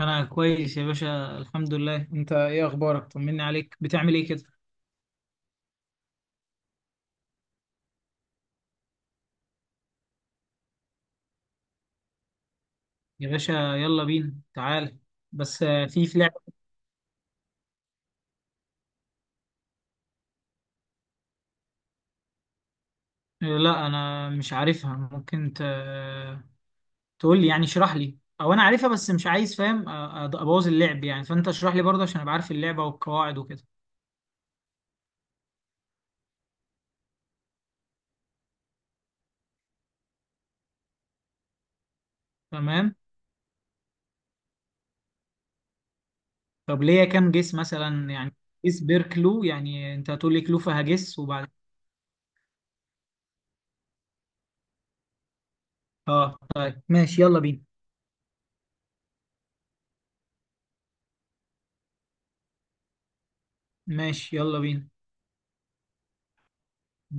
انا كويس يا باشا، الحمد لله. انت ايه اخبارك؟ طمني عليك، بتعمل ايه كده؟ يا باشا يلا بينا، تعال. بس، في لعبة. لا انا مش عارفها. ممكن تقول لي يعني، اشرح لي، او انا عارفها بس مش عايز فاهم ابوظ اللعب يعني، فانت اشرح لي برضه عشان ابقى عارف اللعبة والقواعد وكده. تمام. طب ليا كام جيس مثلا يعني؟ جيس بير كلو يعني، انت هتقول لي كلو فهجس وبعد. اه طيب ماشي، يلا بينا. ماشي يلا بينا.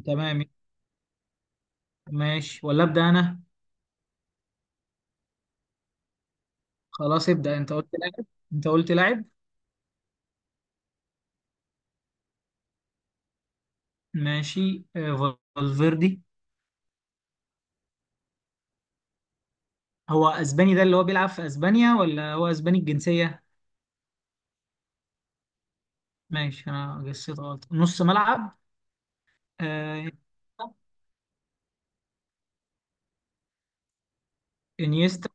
تمام. ماشي ولا ابدا انا؟ خلاص، ابدأ. انت قلت لاعب. ماشي. فالفيردي. هو اسباني ده اللي هو بيلعب في اسبانيا، ولا هو اسباني الجنسية؟ ماشي، انا جسيت غلط. نص ملعب. آه، انيستا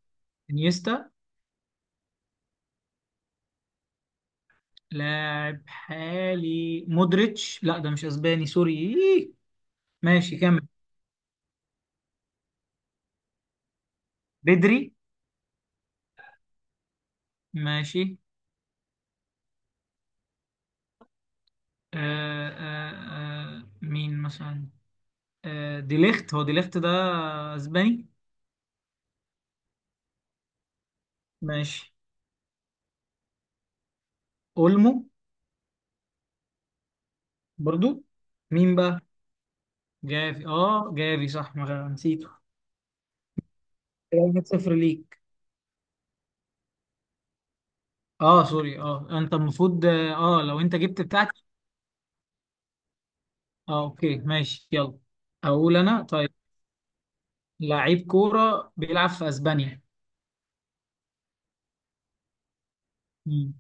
انيستا. لاعب حالي، مودريتش. لا ده مش اسباني، سوري. إيه. ماشي كمل. بدري. ماشي. آه آه آه مين مثلا؟ ديليخت، هو ديليخت ده اسباني؟ ماشي. اولمو. برضو. مين بقى؟ جافي. اه جافي صح، ما نسيته. كده 1-0 ليك. اه سوري، اه انت المفروض، اه لو انت جبت بتاعتي. اه اوكي، ماشي يلا. اقول انا، طيب. لعيب كورة بيلعب في اسبانيا. مم.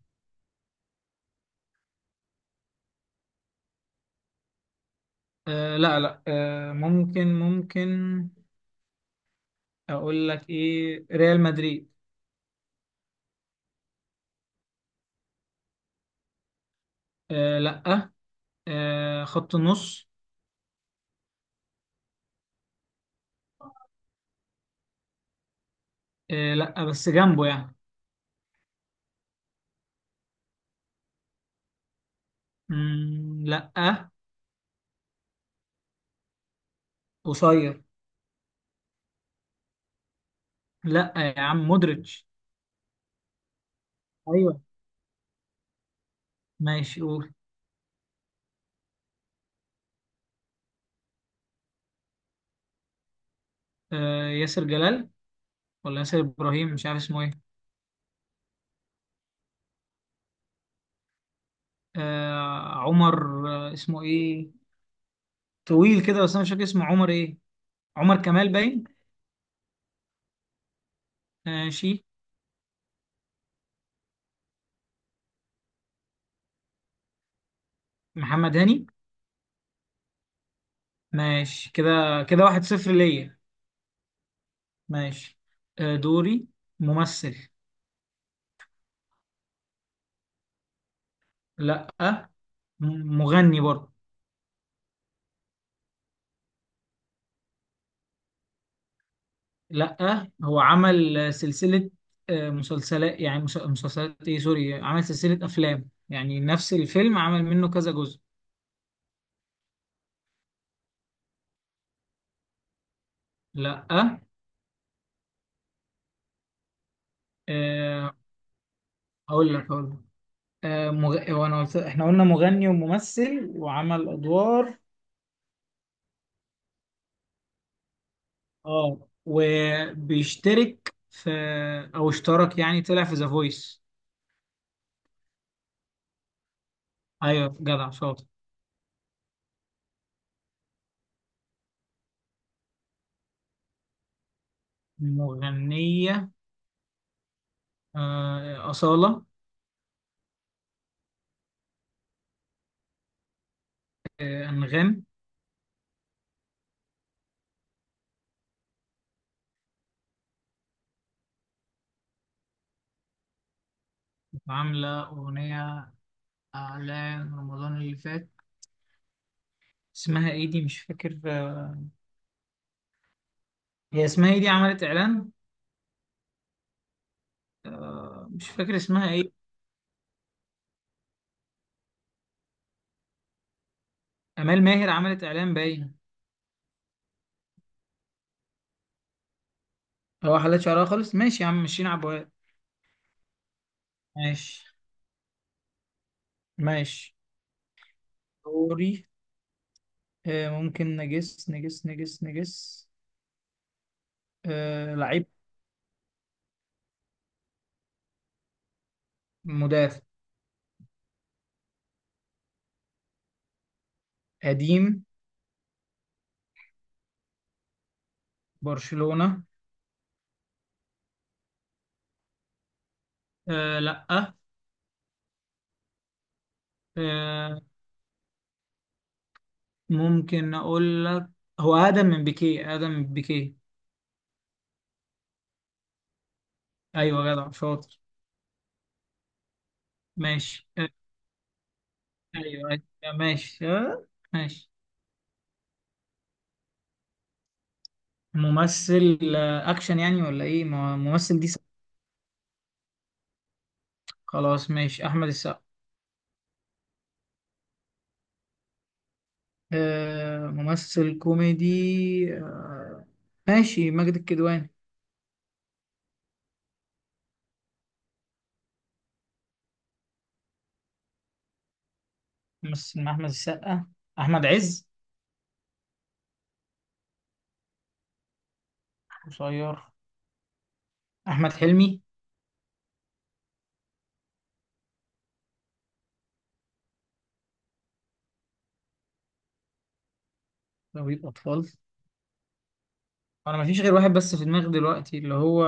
لا لا، ممكن. اقول لك ايه، ريال مدريد. لا. خط النص. لا، بس جنبه يعني. مم، لا. قصير. لا يا عم، مودريتش. ايوه، ماشي قول. ياسر جلال، ولا ياسر ابراهيم، مش عارف اسمه ايه. عمر. اسمه ايه؟ طويل كده بس انا مش فاكر اسمه. عمر ايه؟ عمر كمال باين. ماشي. محمد هاني. ماشي كده. كده واحد صفر ليا. ماشي. دوري. ممثل. لا، مغني برضه. لا، هو عمل سلسلة. مسلسلات يعني، مسلسلات، ايه سوري، عمل سلسلة افلام يعني نفس الفيلم عمل منه كذا جزء. لا. آه، هقول لك. وانا قلت، احنا قلنا مغني وممثل وعمل ادوار. اه وبيشترك في، او اشترك يعني، طلع في ذا فويس. ايوه جدع شاطر. مغنية. أصالة. أنغام. عاملة أغنية إعلان رمضان اللي فات. اسمها إيه دي؟ مش فاكر، هي اسمها إيه دي عملت إعلان؟ مش فاكر اسمها إيه. أمال ماهر عملت إعلان باين. هو حلت شعرها خالص، ماشي يا عم، مشينا عبوات. ماشي. ماشي. دوري. ممكن نجس لعيب. مدافع. قديم. برشلونة. لأ. آه، ممكن أقول لك. هو آدم من بيكيه. أيوة جدع شاطر. ماشي. أيوة أيوة، ماشي. ماشي. ممثل أكشن يعني، ولا إيه؟ ممثل خلاص ماشي. أحمد السقا. ممثل كوميدي. ماشي. ماجد الكدواني. مثل مع أحمد السقا. أحمد عز. قصير. أحمد حلمي. طبيب أطفال. أنا مفيش غير واحد بس في دماغي دلوقتي اللي هو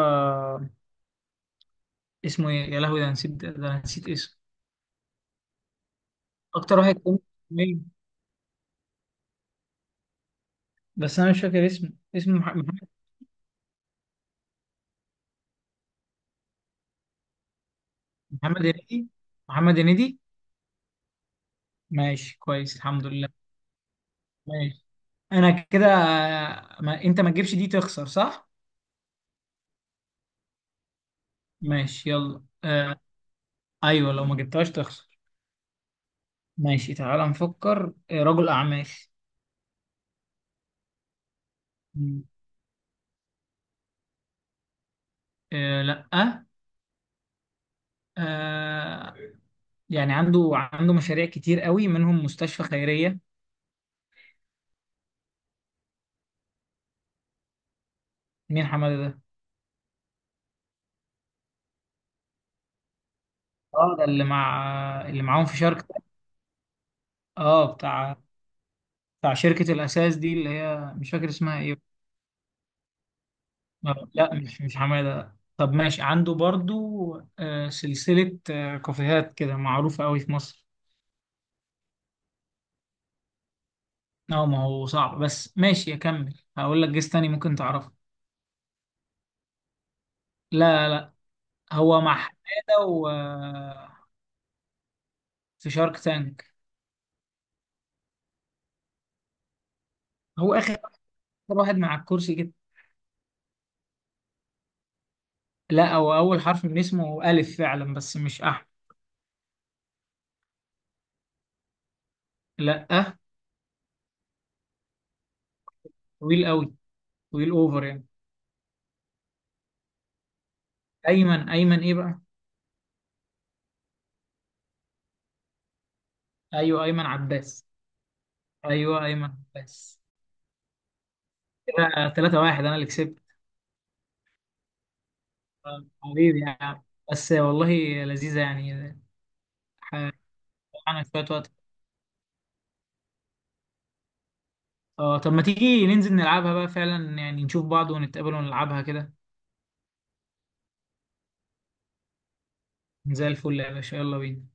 اسمه إيه، يا لهوي، ده أنا نسيت اسمه. أكتر واحد كوميدي. مين؟ بس أنا مش فاكر اسمه. اسمه مح- محمد محمد هنيدي محمد هنيدي. ماشي كويس، الحمد لله. ماشي. أنا كده. ما... أنت ما تجيبش دي تخسر صح؟ ماشي يلا، أيوه لو ما جبتهاش تخسر. ماشي، تعالى نفكر. رجل أعمال. مم. لأ. آه يعني، عنده مشاريع كتير قوي منهم مستشفى خيرية. مين حمادة ده؟ اه ده اللي اللي معاهم في شارك تانك. اه بتاع بتاع شركة الأساس دي، اللي هي مش فاكر اسمها ايه. لا مش حمادة. طب ماشي، عنده برضو سلسلة كافيهات كده معروفة قوي في مصر. اه ما هو صعب، بس ماشي اكمل، هقول لك جيس تاني ممكن تعرفه. لا لا، هو مع حمادة و في شارك تانك. هو اخر واحد مع الكرسي كده. لا، هو أول حرف من اسمه ألف فعلا، بس مش أحمد. لا أه. طويل أوي. طويل أوفر يعني. أيمن إيه بقى؟ أيوه أيمن عباس أيوه أيمن عباس. كده 3 واحد، أنا اللي كسبت. حبيبي يعني، بس والله لذيذة يعني. حقنا شوية وقت. اه طب ما تيجي ننزل نلعبها بقى فعلا يعني، نشوف بعض ونتقابل ونلعبها كده. زي الفل يا باشا، يلا بينا.